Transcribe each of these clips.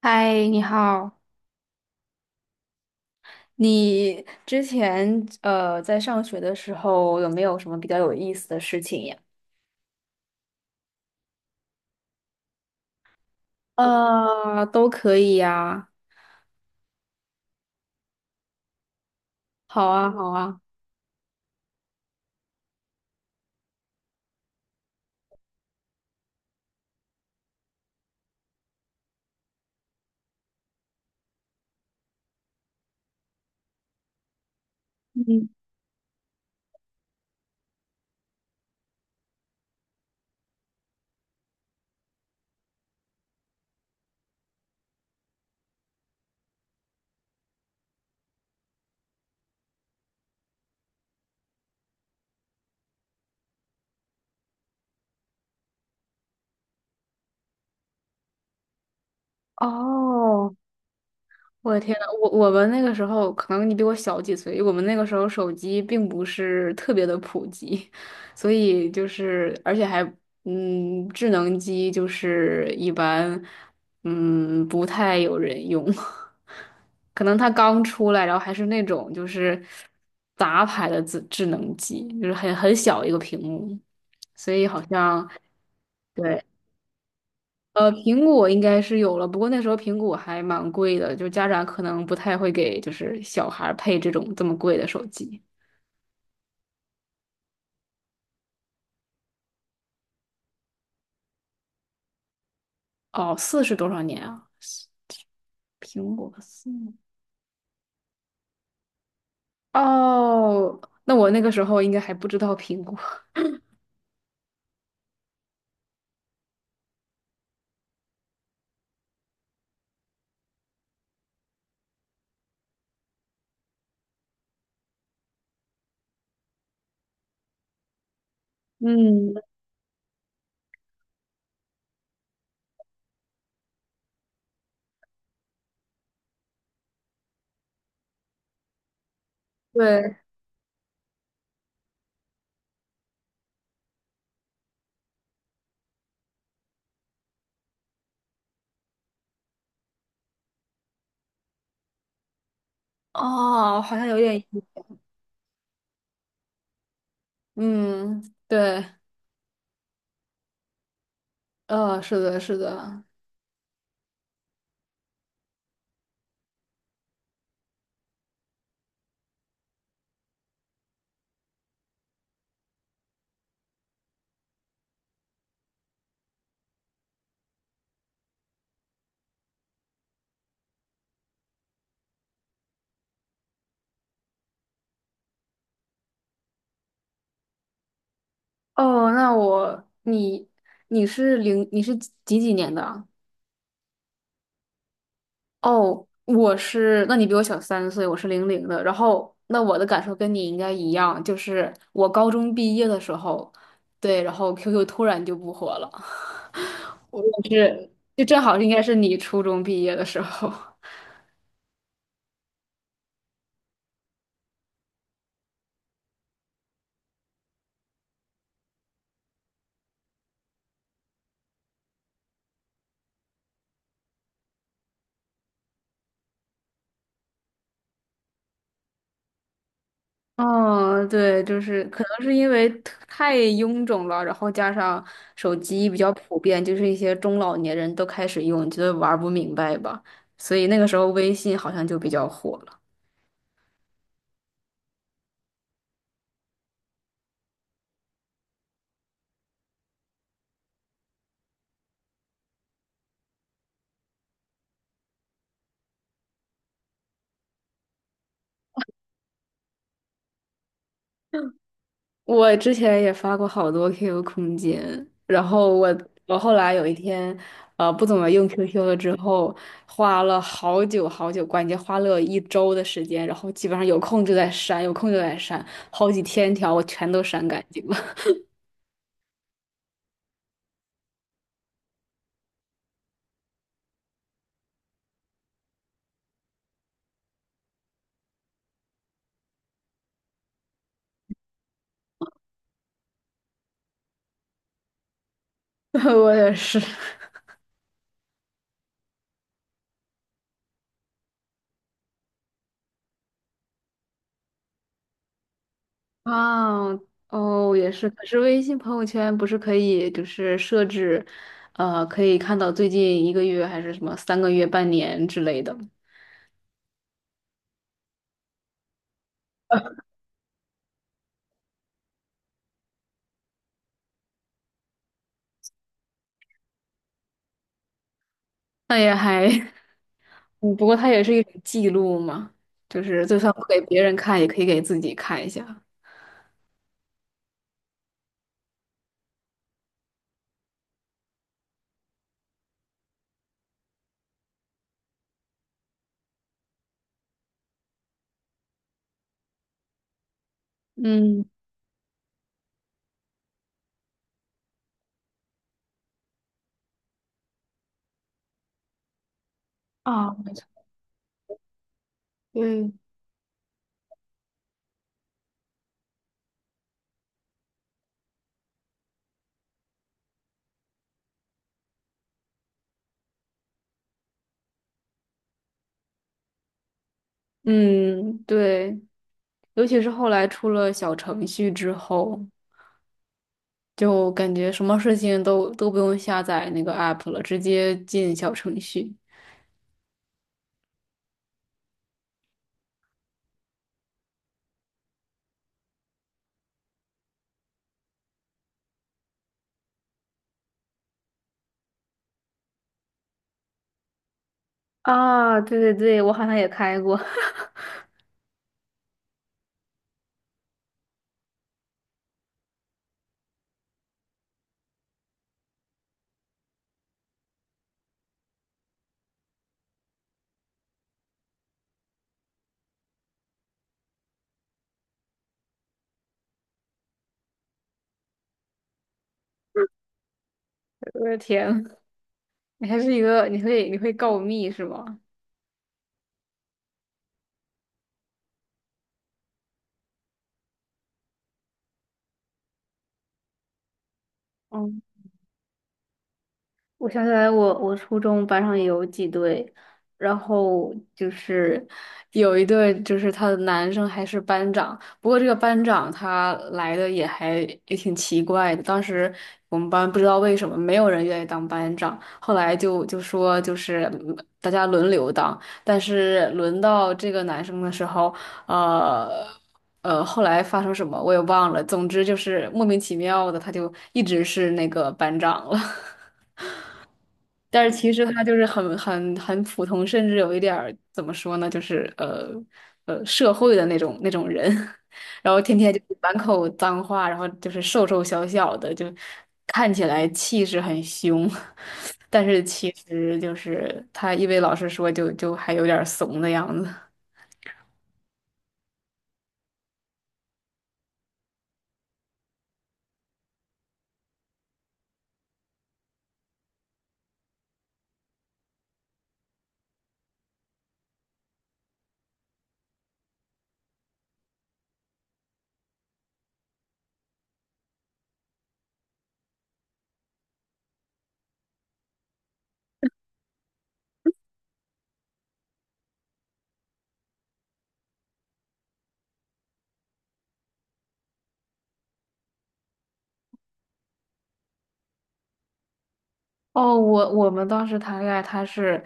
嗨，你好。你之前在上学的时候有没有什么比较有意思的事情呀？都可以呀。好啊，好啊。嗯。哦，我的天呐，我们那个时候，可能你比我小几岁，我们那个时候手机并不是特别的普及，所以就是而且还智能机就是一般不太有人用。可能它刚出来，然后还是那种就是杂牌的智能机，就是很小一个屏幕，所以好像。对。苹果应该是有了，不过那时候苹果还蛮贵的，就家长可能不太会给就是小孩儿配这种这么贵的手机。哦，四是多少年啊？苹果四。哦，那我那个时候应该还不知道苹果。嗯，对。哦，好像有点。嗯，对。是的，是的。哦，那我，你，你是零，你是几年的啊？哦，那你比我小3岁，我是零零的。然后，那我的感受跟你应该一样，就是我高中毕业的时候，对，然后 QQ 突然就不火了。我也是，就正好应该是你初中毕业的时候。嗯，对，就是可能是因为太臃肿了，然后加上手机比较普遍，就是一些中老年人都开始用，觉得玩不明白吧，所以那个时候微信好像就比较火了。我之前也发过好多 QQ 空间，然后我后来有一天，不怎么用 QQ 了之后，花了好久好久，关键花了一周的时间，然后基本上有空就在删，有空就在删，好几千条我全都删干净了。我也是。啊，哦，也是。可是微信朋友圈不是可以就是设置，可以看到最近一个月还是什么3个月、半年之类的。那也还。嗯，不过它也是一种记录嘛，就是就算不给别人看，也可以给自己看一下。嗯。啊，没错。对。嗯，对，尤其是后来出了小程序之后，就感觉什么事情都不用下载那个 app 了，直接进小程序。啊，对对对，我好像也开过。我的天，你还是一个，你会告密是吗？我想起来我初中班上也有几对，然后就是有一对，就是他的男生还是班长。不过这个班长他来的也挺奇怪的。当时我们班不知道为什么没有人愿意当班长，后来就说就是大家轮流当，但是轮到这个男生的时候，呃后来发生什么我也忘了。总之就是莫名其妙的，他就一直是那个班长了。但是其实他就是很普通，甚至有一点儿怎么说呢，就是社会的那种人，然后天天就是满口脏话，然后就是瘦瘦小小的，就看起来气势很凶。但是其实就是他一为老师说就还有点儿怂的样子。哦，我们当时谈恋爱，他是，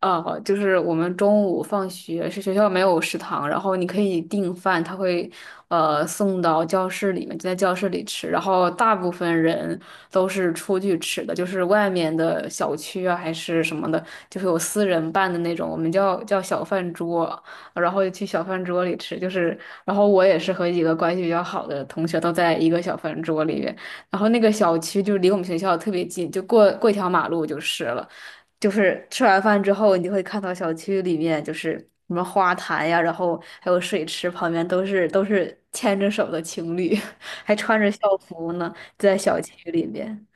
呃，就是我们中午放学是学校没有食堂，然后你可以订饭，他会送到教室里面，就在教室里吃。然后大部分人都是出去吃的，就是外面的小区啊，还是什么的，就是有私人办的那种，我们叫小饭桌，然后就去小饭桌里吃。就是，然后我也是和几个关系比较好的同学都在一个小饭桌里面。然后那个小区就离我们学校特别近，就过一条马路就是了。就是吃完饭之后，你就会看到小区里面就是什么花坛呀，然后还有水池旁边都是牵着手的情侣，还穿着校服呢，在小区里面。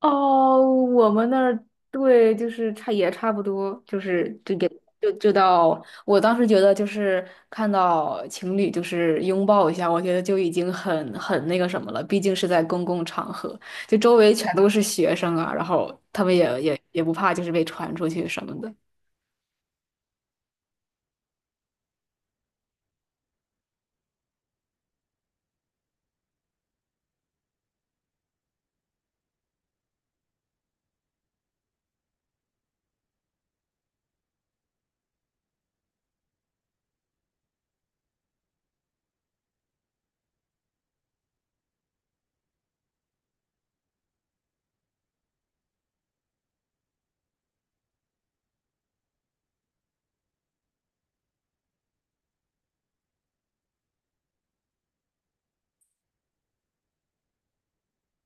哦，我们那儿对，就是差也差不多，就是就也就就到我当时觉得就是看到情侣就是拥抱一下，我觉得就已经很那个什么了，毕竟是在公共场合，就周围全都是学生啊，然后他们也不怕就是被传出去什么的。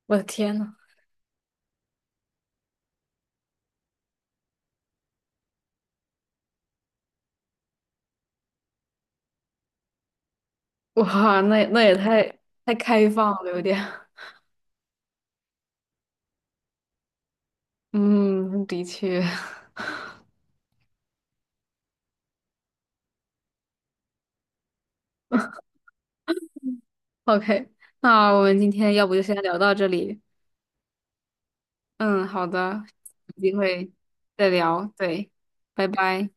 我的天呐，哇，那也太开放了，有点。嗯，的确。 ，OK，那我们今天要不就先聊到这里。嗯，好的，有机会再聊，对，拜拜。